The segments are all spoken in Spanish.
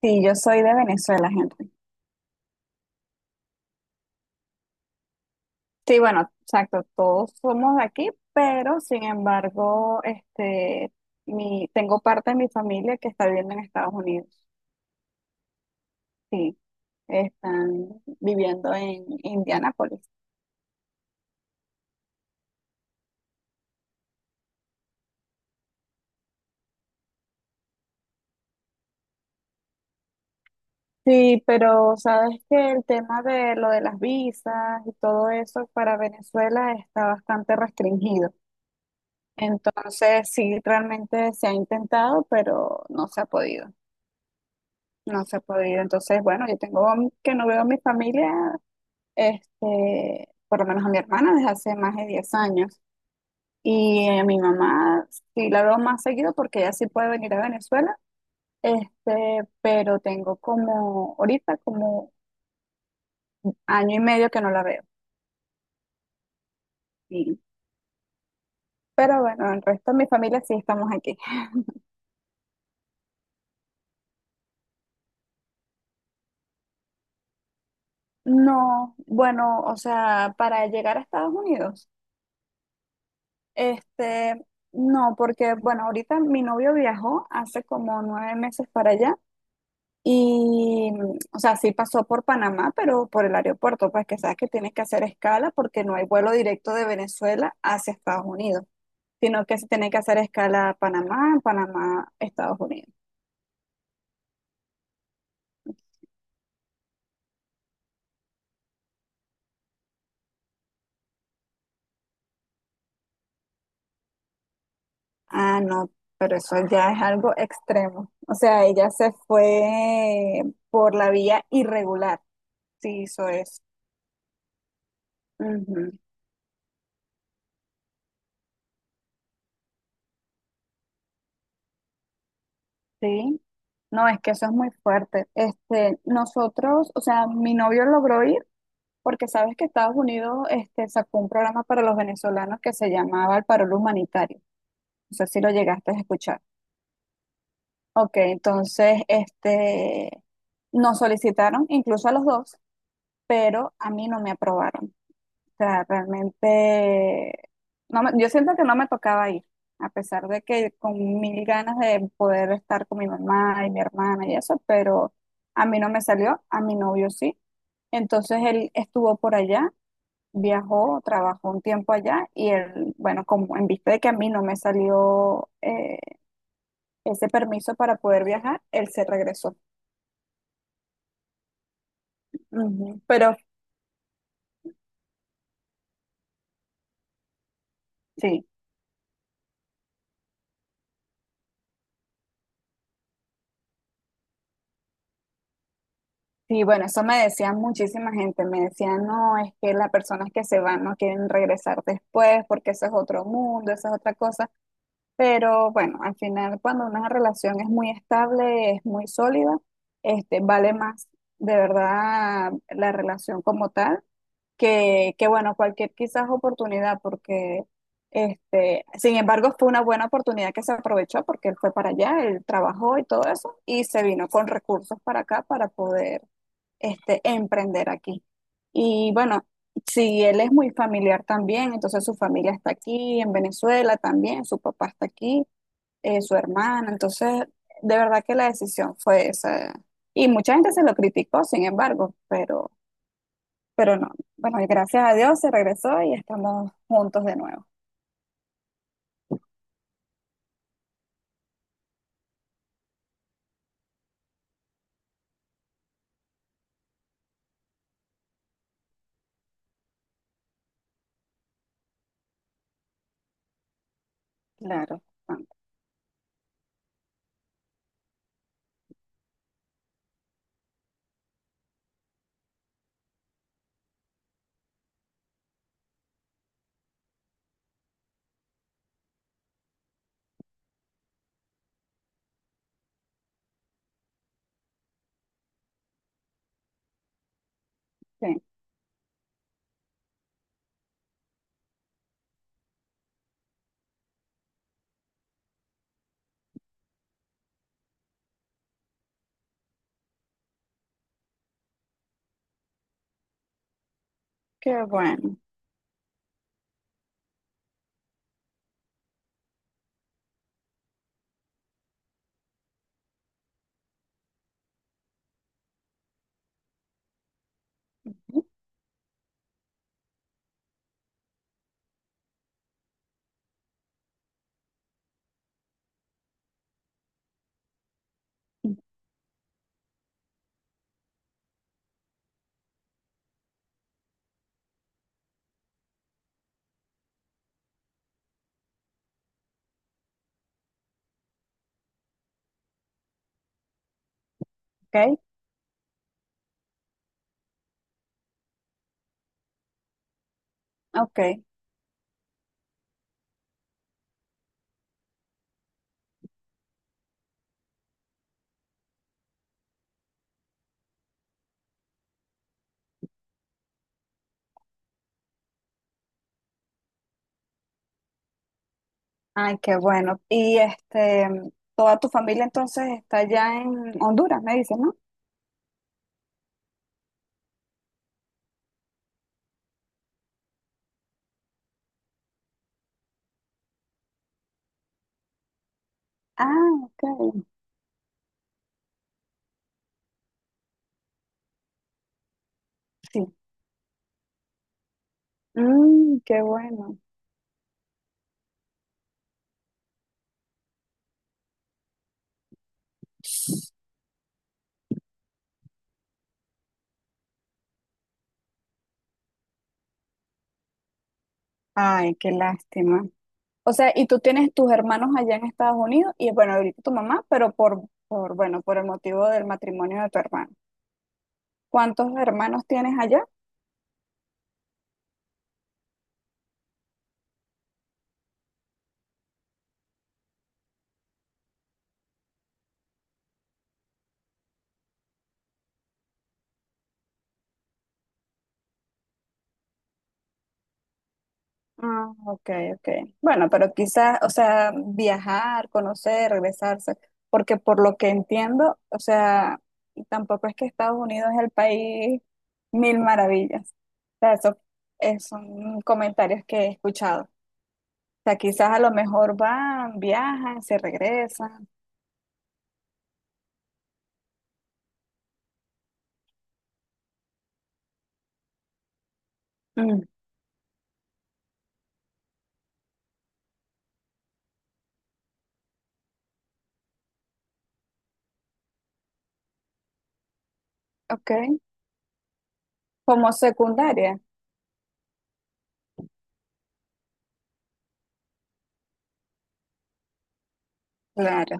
Sí, yo soy de Venezuela, gente. Sí, bueno, exacto, todos somos de aquí, pero sin embargo, tengo parte de mi familia que está viviendo en Estados Unidos. Sí, están viviendo en Indianápolis. Sí, pero sabes que el tema de lo de las visas y todo eso para Venezuela está bastante restringido. Entonces, sí, realmente se ha intentado, pero no se ha podido. No se ha podido. Entonces, bueno, yo tengo que no veo a mi familia, por lo menos a mi hermana desde hace más de 10 años. Y a mi mamá sí la veo más seguido porque ella sí puede venir a Venezuela. Pero tengo como, ahorita como año y medio que no la veo. Y- pero bueno, el resto de mi familia sí estamos aquí. No, bueno, o sea, para llegar a Estados Unidos, este, no, porque bueno, ahorita mi novio viajó hace como 9 meses para allá. Y, o sea, sí pasó por Panamá, pero por el aeropuerto, pues que sabes que tienes que hacer escala porque no hay vuelo directo de Venezuela hacia Estados Unidos, sino que se tiene que hacer escala a Panamá, Panamá, Estados Unidos. Ah, no, pero eso ya es algo extremo. O sea, ella se fue por la vía irregular, sí hizo eso. Ujú, sí. No, es que eso es muy fuerte. Nosotros, o sea, mi novio logró ir porque sabes que Estados Unidos sacó un programa para los venezolanos que se llamaba el Parol Humanitario. No sé si lo llegaste a escuchar. Ok, entonces nos solicitaron, incluso a los dos, pero a mí no me aprobaron. O sea, realmente, no me- yo siento que no me tocaba ir, a pesar de que con mil ganas de poder estar con mi mamá y mi hermana y eso, pero a mí no me salió, a mi novio sí. Entonces él estuvo por allá, viajó, trabajó un tiempo allá y él, bueno, como en vista de que a mí no me salió ese permiso para poder viajar, él se regresó. Ujú. Pero sí, sí, bueno, eso me decía muchísima gente, me decían, no, es que las personas que se van no quieren regresar después porque eso es otro mundo, eso es otra cosa. Pero bueno, al final cuando una relación es muy estable, es muy sólida, vale más de verdad la relación como tal que bueno, cualquier quizás oportunidad, porque sin embargo fue una buena oportunidad que se aprovechó porque él fue para allá, él trabajó y todo eso, y se vino con recursos para acá para poder emprender aquí. Y bueno, si él es muy familiar también, entonces su familia está aquí en Venezuela también, su papá está aquí, su hermana, entonces de verdad que la decisión fue esa. Y mucha gente se lo criticó, sin embargo, pero... Pero no, bueno, y gracias a Dios se regresó y estamos juntos de nuevo. Claro, ah, sí, qué bueno. Ujú. Ok, ok. Ay, qué bueno. Y toda tu familia entonces está allá en Honduras, me dicen, ¿no? Ah, ok. Sí. Mm, qué bueno. Ay, qué lástima. O sea, y tú tienes tus hermanos allá en Estados Unidos y bueno, ahorita tu mamá, pero bueno, por el motivo del matrimonio de tu hermano. ¿Cuántos hermanos tienes allá? Ah, ok, ok. Bueno, pero quizás, o sea, viajar, conocer, regresarse, porque por lo que entiendo, o sea, tampoco es que Estados Unidos es el país mil maravillas. O sea, son comentarios que he escuchado. O sea, quizás a lo mejor van, viajan, se regresan. Mm, ok. Como secundaria. Claro,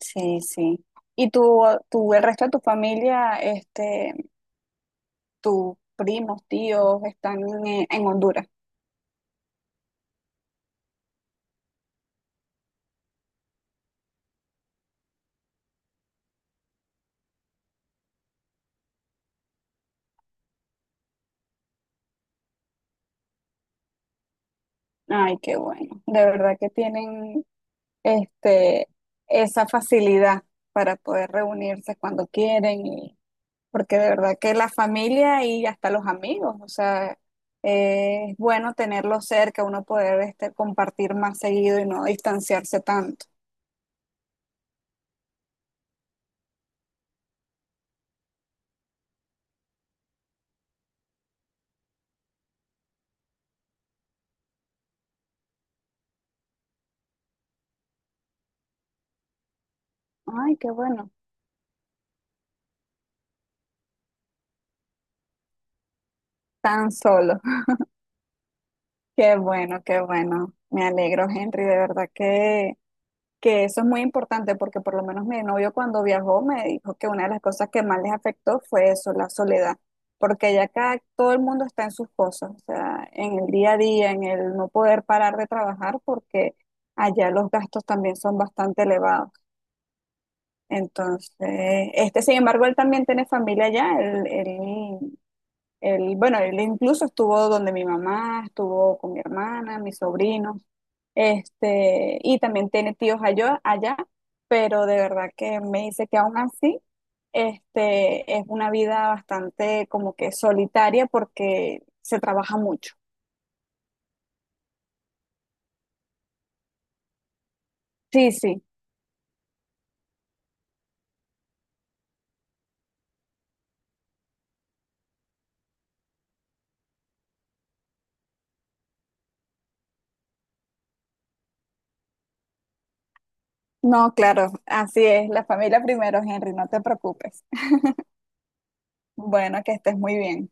sí, sí. ¿Y tú, tu el resto de tu familia, tus primos, tíos están en Honduras. Ay, qué bueno. De verdad que tienen este, esa facilidad para poder reunirse cuando quieren, y- porque de verdad que la familia y hasta los amigos, o sea, es bueno tenerlos cerca, uno poder compartir más seguido y no distanciarse tanto. Ay, qué bueno. Tan solo. Qué bueno, qué bueno. Me alegro, Henry, de verdad que eso es muy importante porque por lo menos mi novio cuando viajó me dijo que una de las cosas que más les afectó fue eso, la soledad, porque ya acá todo el mundo está en sus cosas, o sea, en el día a día, en el no poder parar de trabajar porque allá los gastos también son bastante elevados. Entonces, sin embargo, él también tiene familia allá, bueno, él incluso estuvo donde mi mamá, estuvo con mi hermana, mis sobrinos, y también tiene tíos allá, allá, pero de verdad que me dice que aún así, es una vida bastante como que solitaria porque se trabaja mucho. Sí, sí. No, claro, así es, la familia primero, Henry, no te preocupes. Bueno, que estés muy bien.